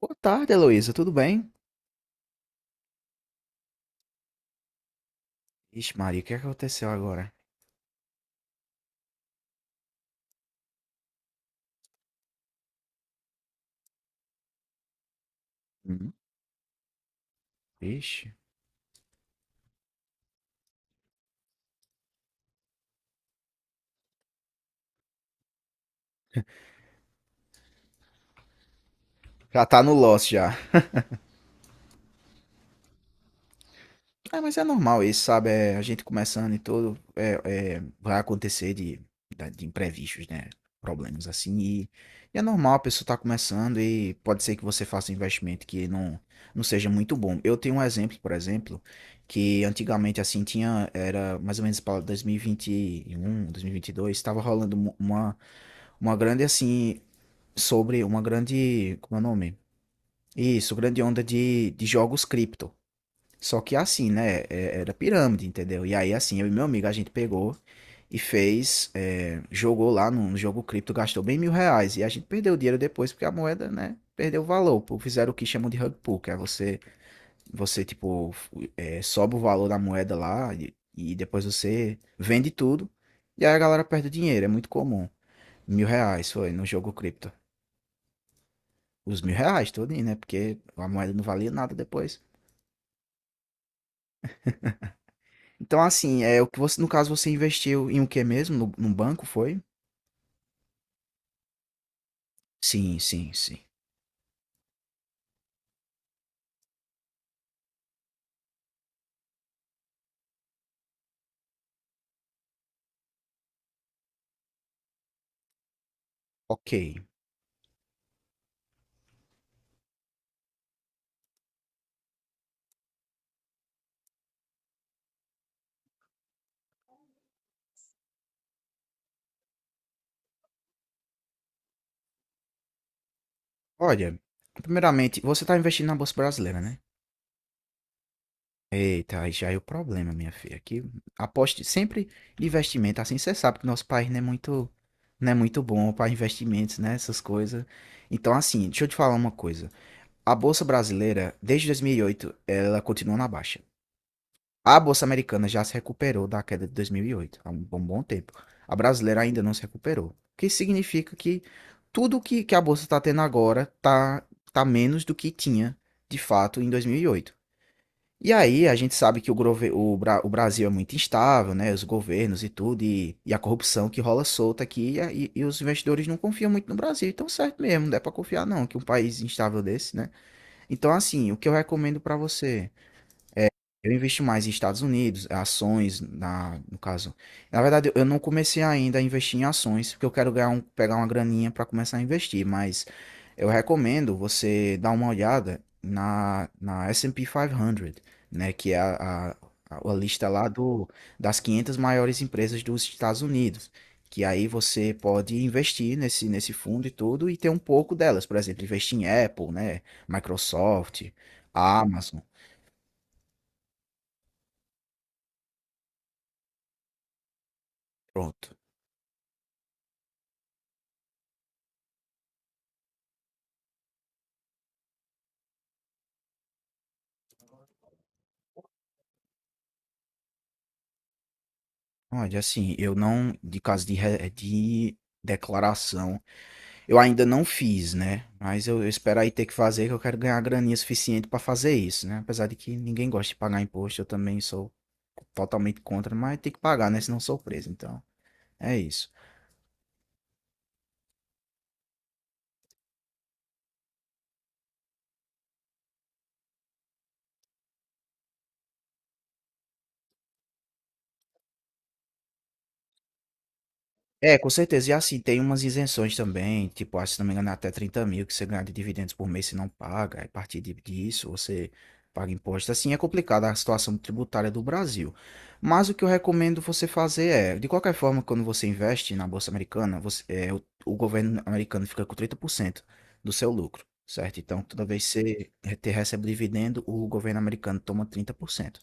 Boa tarde, Heloísa, tudo bem? Ixi, Maria, o que aconteceu agora? Hum, Ixi. Já tá no loss já. É, mas é normal isso, sabe? É, a gente começando e tudo, vai acontecer de imprevistos, né? Problemas assim. E é normal, a pessoa tá começando e pode ser que você faça um investimento que não seja muito bom. Eu tenho um exemplo, por exemplo, que antigamente assim tinha, era mais ou menos para dois mil e vinte e um, dois mil e vinte um, e dois. Estava rolando uma grande assim, sobre uma grande, como é o nome? Isso, grande onda de jogos cripto. Só que assim, né? Era pirâmide, entendeu? E aí, assim, eu e meu amigo, a gente pegou e fez, jogou lá no jogo cripto, gastou bem R$ 1.000. E a gente perdeu o dinheiro depois, porque a moeda, né? Perdeu o valor. Pô, fizeram o que chamam de rug pull, que é você, tipo, sobe o valor da moeda lá e depois você vende tudo. E aí a galera perde o dinheiro, é muito comum. R$ 1.000 foi no jogo cripto. Os R$ 1.000 todinho, né? Porque a moeda não valia nada depois. Então, assim, é o que você, no caso, você investiu em o que mesmo? No, Num banco, foi? Sim, sim, sim. Ok. Olha, primeiramente, você tá investindo na Bolsa Brasileira, né? Eita, aí já é o problema, minha filha. Aqui, aposte sempre em investimento. Assim, você sabe que nosso país não é muito bom para investimentos, né? Essas coisas. Então, assim, deixa eu te falar uma coisa. A Bolsa Brasileira, desde 2008, ela continua na baixa. A Bolsa Americana já se recuperou da queda de 2008, há um bom, bom tempo. A brasileira ainda não se recuperou. O que significa que tudo que a Bolsa está tendo agora está tá menos do que tinha, de fato, em 2008. E oito. E aí a gente sabe que o Brasil é muito instável, né? Os governos e tudo, e a corrupção que rola solta aqui, e os investidores não confiam muito no Brasil. Então, certo mesmo, não é para confiar não, que um país instável desse, né? Então, assim, o que eu recomendo para você... Eu investi mais em Estados Unidos, ações, no caso. Na verdade, eu não comecei ainda a investir em ações, porque eu quero ganhar pegar uma graninha para começar a investir, mas eu recomendo você dar uma olhada na S&P 500, né, que é a lista lá do, das 500 maiores empresas dos Estados Unidos, que aí você pode investir nesse fundo e tudo e ter um pouco delas, por exemplo, investir em Apple, né, Microsoft, Amazon, pronto. Olha, assim, eu não, de caso de declaração, eu ainda não fiz, né? Mas eu espero aí ter que fazer, que eu quero ganhar graninha suficiente pra fazer isso, né? Apesar de que ninguém gosta de pagar imposto, eu também sou totalmente contra, mas tem que pagar, né? Senão eu sou preso, então é isso. É, com certeza. E assim, tem umas isenções também, tipo, acho, se não me engano, é até 30.000 que você ganha de dividendos por mês se não paga. Aí, a partir disso, você paga imposto. Assim, é complicada a situação tributária do Brasil. Mas o que eu recomendo você fazer é, de qualquer forma, quando você investe na Bolsa Americana, você, o governo americano fica com 30% do seu lucro, certo? Então, toda vez que você te recebe dividendo, o governo americano toma 30%.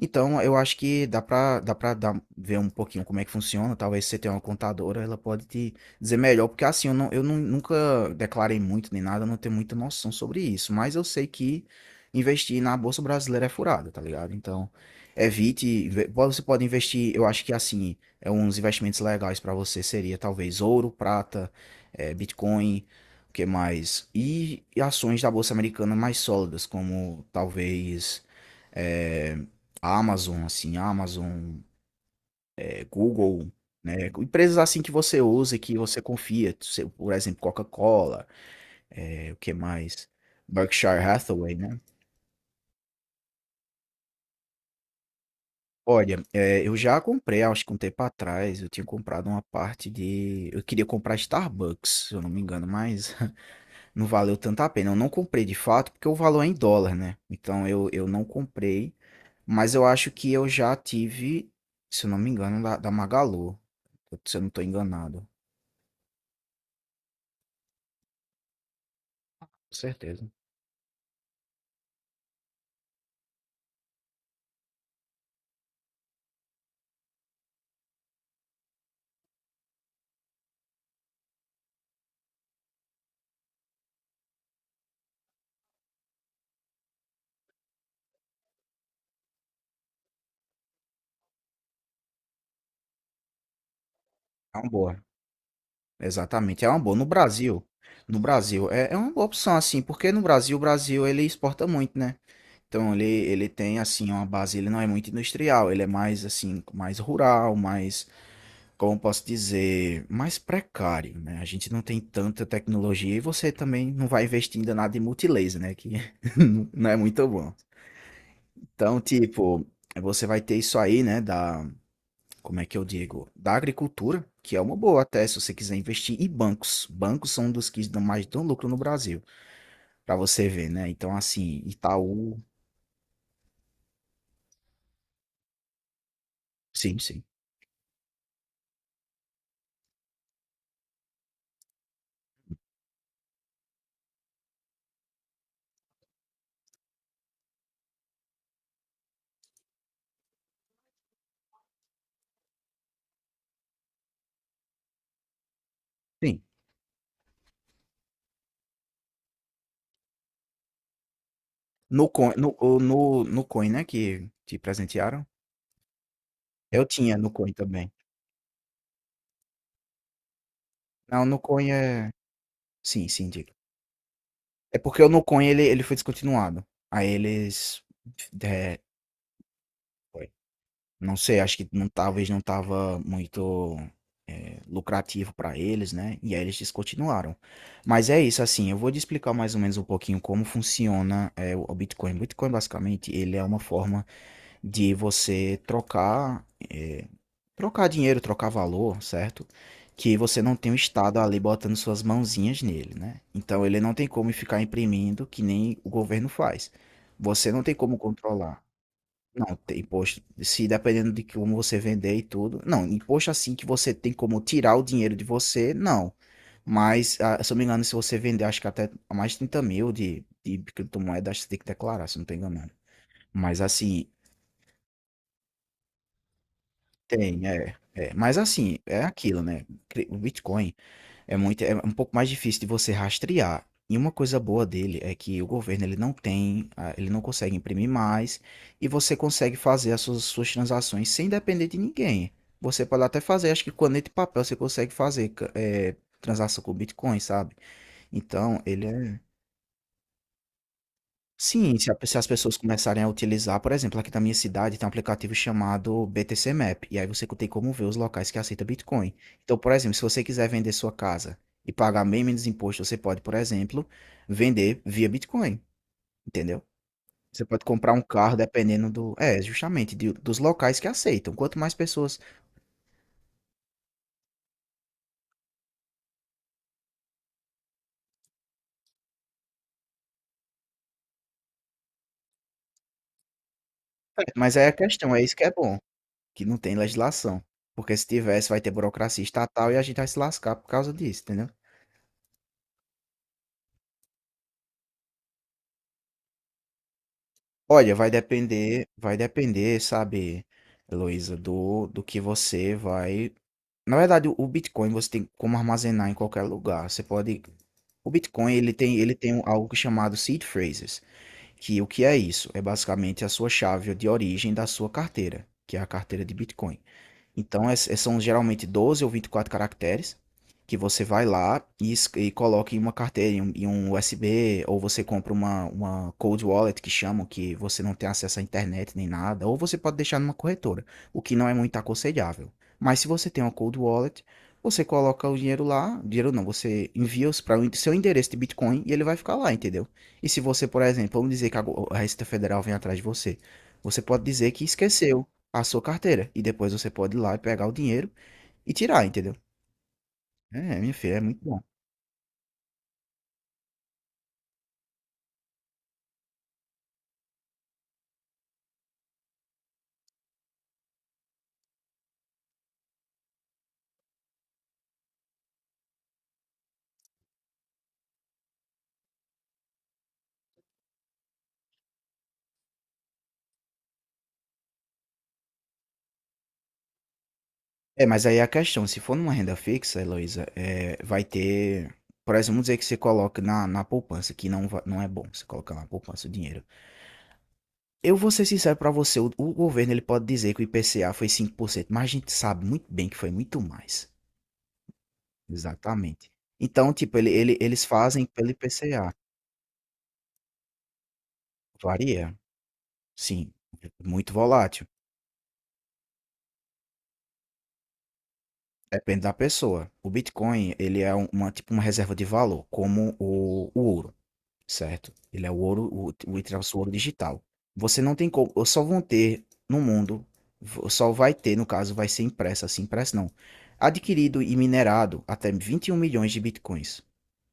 Então, eu acho que dá pra, ver um pouquinho como é que funciona. Talvez você tenha uma contadora, ela pode te dizer melhor, porque assim, eu, não, eu nunca declarei muito nem nada, eu não tenho muita noção sobre isso, mas eu sei que investir na Bolsa Brasileira é furada, tá ligado? Então, evite, você pode investir, eu acho que assim, é uns investimentos legais pra você seria talvez ouro, prata, Bitcoin, o que mais? E ações da Bolsa Americana mais sólidas, como talvez, eh, Amazon, assim, Amazon, Google, né, empresas assim que você usa e que você confia, se por exemplo, Coca-Cola, o que mais? Berkshire Hathaway, né. Olha, eu já comprei, acho que um tempo atrás, eu tinha comprado uma parte de eu queria comprar Starbucks, se eu não me engano, mas não valeu tanto a pena. Eu não comprei de fato, porque o valor é em dólar, né, então eu não comprei, mas eu acho que eu já tive, se eu não me engano, da Magalu, se eu não estou enganado. Com certeza. É uma boa. Exatamente, é uma boa. No Brasil, é uma boa opção, assim, porque no Brasil, o Brasil, ele exporta muito, né? Então, ele tem, assim, uma base, ele não é muito industrial, ele é mais, assim, mais rural, mais, como eu posso dizer, mais precário, né? A gente não tem tanta tecnologia e você também não vai investir ainda nada em multilaser, né? Que não é muito bom. Então, tipo, você vai ter isso aí, né, como é que eu digo? Da agricultura, que é uma boa até se você quiser investir, e bancos. Bancos são um dos que dão mais dão lucro no Brasil, para você ver, né? Então, assim, Itaú, sim, sim, sim. No coin, no, o- no, no coin, né, que te presentearam, eu tinha no coin também. Não, no coin é, sim, sim, digo. É porque o no coin ele foi descontinuado. Aí eles, é, não sei, acho que não, talvez não estava muito lucrativo para eles, né? E aí eles descontinuaram. Mas é isso, assim, eu vou te explicar mais ou menos um pouquinho como funciona o Bitcoin. O Bitcoin, basicamente, ele é uma forma de você trocar, trocar dinheiro, trocar valor, certo? Que você não tem o Estado ali botando suas mãozinhas nele, né? Então ele não tem como ficar imprimindo que nem o governo faz. Você não tem como controlar. Não, tem imposto. Se dependendo de como você vender e tudo. Não, imposto assim que você tem como tirar o dinheiro de você, não. Mas, se eu me engano, se você vender, acho que até mais de 30.000 de criptomoeda, acho que você tem que declarar, se eu não tô enganado. Mas assim, tem, é, é. Mas assim, é aquilo, né? O Bitcoin. É um pouco mais difícil de você rastrear. E uma coisa boa dele é que o governo ele não tem, ele não consegue imprimir mais e você consegue fazer as suas transações sem depender de ninguém. Você pode até fazer, acho que caneta e papel você consegue fazer transação com Bitcoin, sabe? Então ele é. Sim, se a se as pessoas começarem a utilizar, por exemplo, aqui na minha cidade tem um aplicativo chamado BTC Map, e aí você tem como ver os locais que aceitam Bitcoin. Então, por exemplo, se você quiser vender sua casa e pagar bem menos imposto, você pode, por exemplo, vender via Bitcoin, entendeu? Você pode comprar um carro dependendo do, justamente dos locais que aceitam. Quanto mais pessoas, mas aí a questão é isso que é bom, que não tem legislação, porque se tivesse vai ter burocracia estatal e a gente vai se lascar por causa disso, entendeu? Olha, vai depender, sabe, Heloísa, do que você vai. Na verdade, o Bitcoin você tem como armazenar em qualquer lugar. Você pode. O Bitcoin ele tem, algo chamado seed phrases, que o que é isso? É basicamente a sua chave de origem da sua carteira, que é a carteira de Bitcoin. Então, são geralmente 12 ou 24 caracteres que você vai lá e coloca em uma carteira, em um, USB, ou você compra uma, cold wallet que chamam, que você não tem acesso à internet nem nada, ou você pode deixar numa corretora, o que não é muito aconselhável. Mas se você tem uma cold wallet, você coloca o dinheiro lá, dinheiro não, você envia os para o seu endereço de Bitcoin e ele vai ficar lá, entendeu? E se você, por exemplo, vamos dizer que a Receita Federal vem atrás de você, você pode dizer que esqueceu a sua carteira. E depois você pode ir lá e pegar o dinheiro e tirar, entendeu? É, minha filha, é muito bom. É, mas aí é a questão, se for numa renda fixa, Heloísa, vai ter. Por exemplo, vamos dizer que você coloca na poupança, que não, não é bom você colocar na poupança o dinheiro. Eu vou ser sincero pra você, o governo ele pode dizer que o IPCA foi 5% mas a gente sabe muito bem que foi muito mais. Exatamente. Então, tipo, eles fazem pelo IPCA. Varia, sim. Muito volátil. Depende da pessoa. O Bitcoin, ele é uma, tipo uma reserva de valor, como o ouro, certo? Ele é o ouro, entre aspas, o ouro digital. Você não tem como, só vão ter no mundo, só vai ter, no caso, vai ser impressa, assim, impressa não. Adquirido e minerado até 21 milhões de Bitcoins.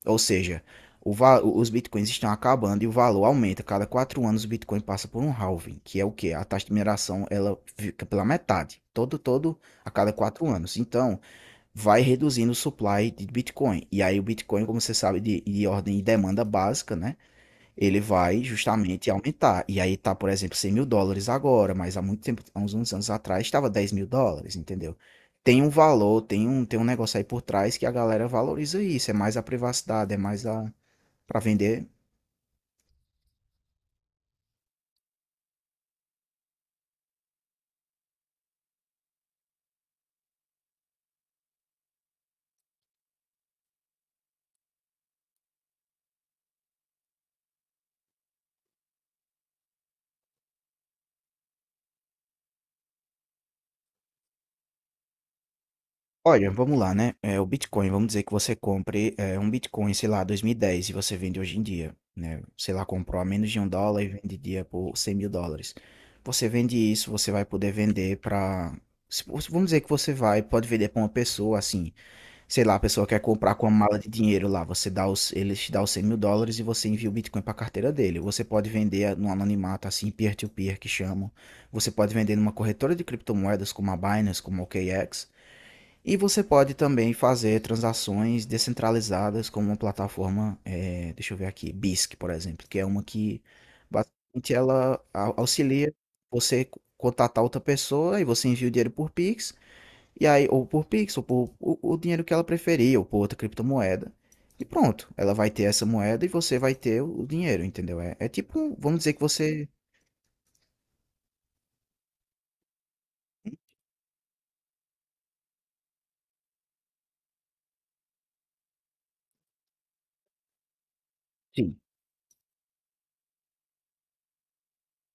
Ou seja, os Bitcoins estão acabando e o valor aumenta. Cada 4 anos o Bitcoin passa por um halving, que é o quê? A taxa de mineração, ela fica pela metade. Todo, todo, a cada 4 anos. Então, vai reduzindo o supply de Bitcoin. E aí o Bitcoin, como você sabe, de ordem de demanda básica, né? Ele vai justamente aumentar. E aí tá, por exemplo, US$ 100.000 agora, mas há muito tempo, há uns anos atrás, estava US$ 10.000, entendeu? Tem um valor, tem um negócio aí por trás que a galera valoriza isso. É mais a privacidade, é mais a. Para vender. Olha, vamos lá, né? É, o Bitcoin, vamos dizer que você compre um Bitcoin, sei lá, 2010 e dez e você vende hoje em dia, né? Sei lá, comprou a menos de US$ 1 e vende dia por US$ 100.000. Você vende isso, você vai poder vender para. Vamos dizer que você vai, pode vender para uma pessoa, assim, sei lá, a pessoa quer comprar com uma mala de dinheiro lá, você dá os, ele te dá os US$ 100.000 e você envia o Bitcoin para a carteira dele. Você pode vender no anonimato, assim, peer-to-peer, que chamam. Você pode vender numa corretora de criptomoedas como a Binance, como a OKX. E você pode também fazer transações descentralizadas como uma plataforma, deixa eu ver aqui, BISC, por exemplo, que é uma que basicamente ela auxilia você contatar outra pessoa e você envia o dinheiro por Pix, e aí, ou por Pix, ou por o dinheiro que ela preferir, ou por outra criptomoeda. E pronto, ela vai ter essa moeda e você vai ter o dinheiro, entendeu? É tipo, vamos dizer que você. Sim,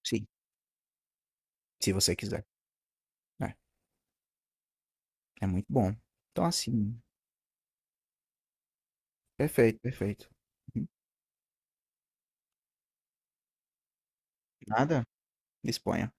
sim, se você quiser. É, é muito bom. Então, assim, perfeito, perfeito. Uhum. Nada. Disponha.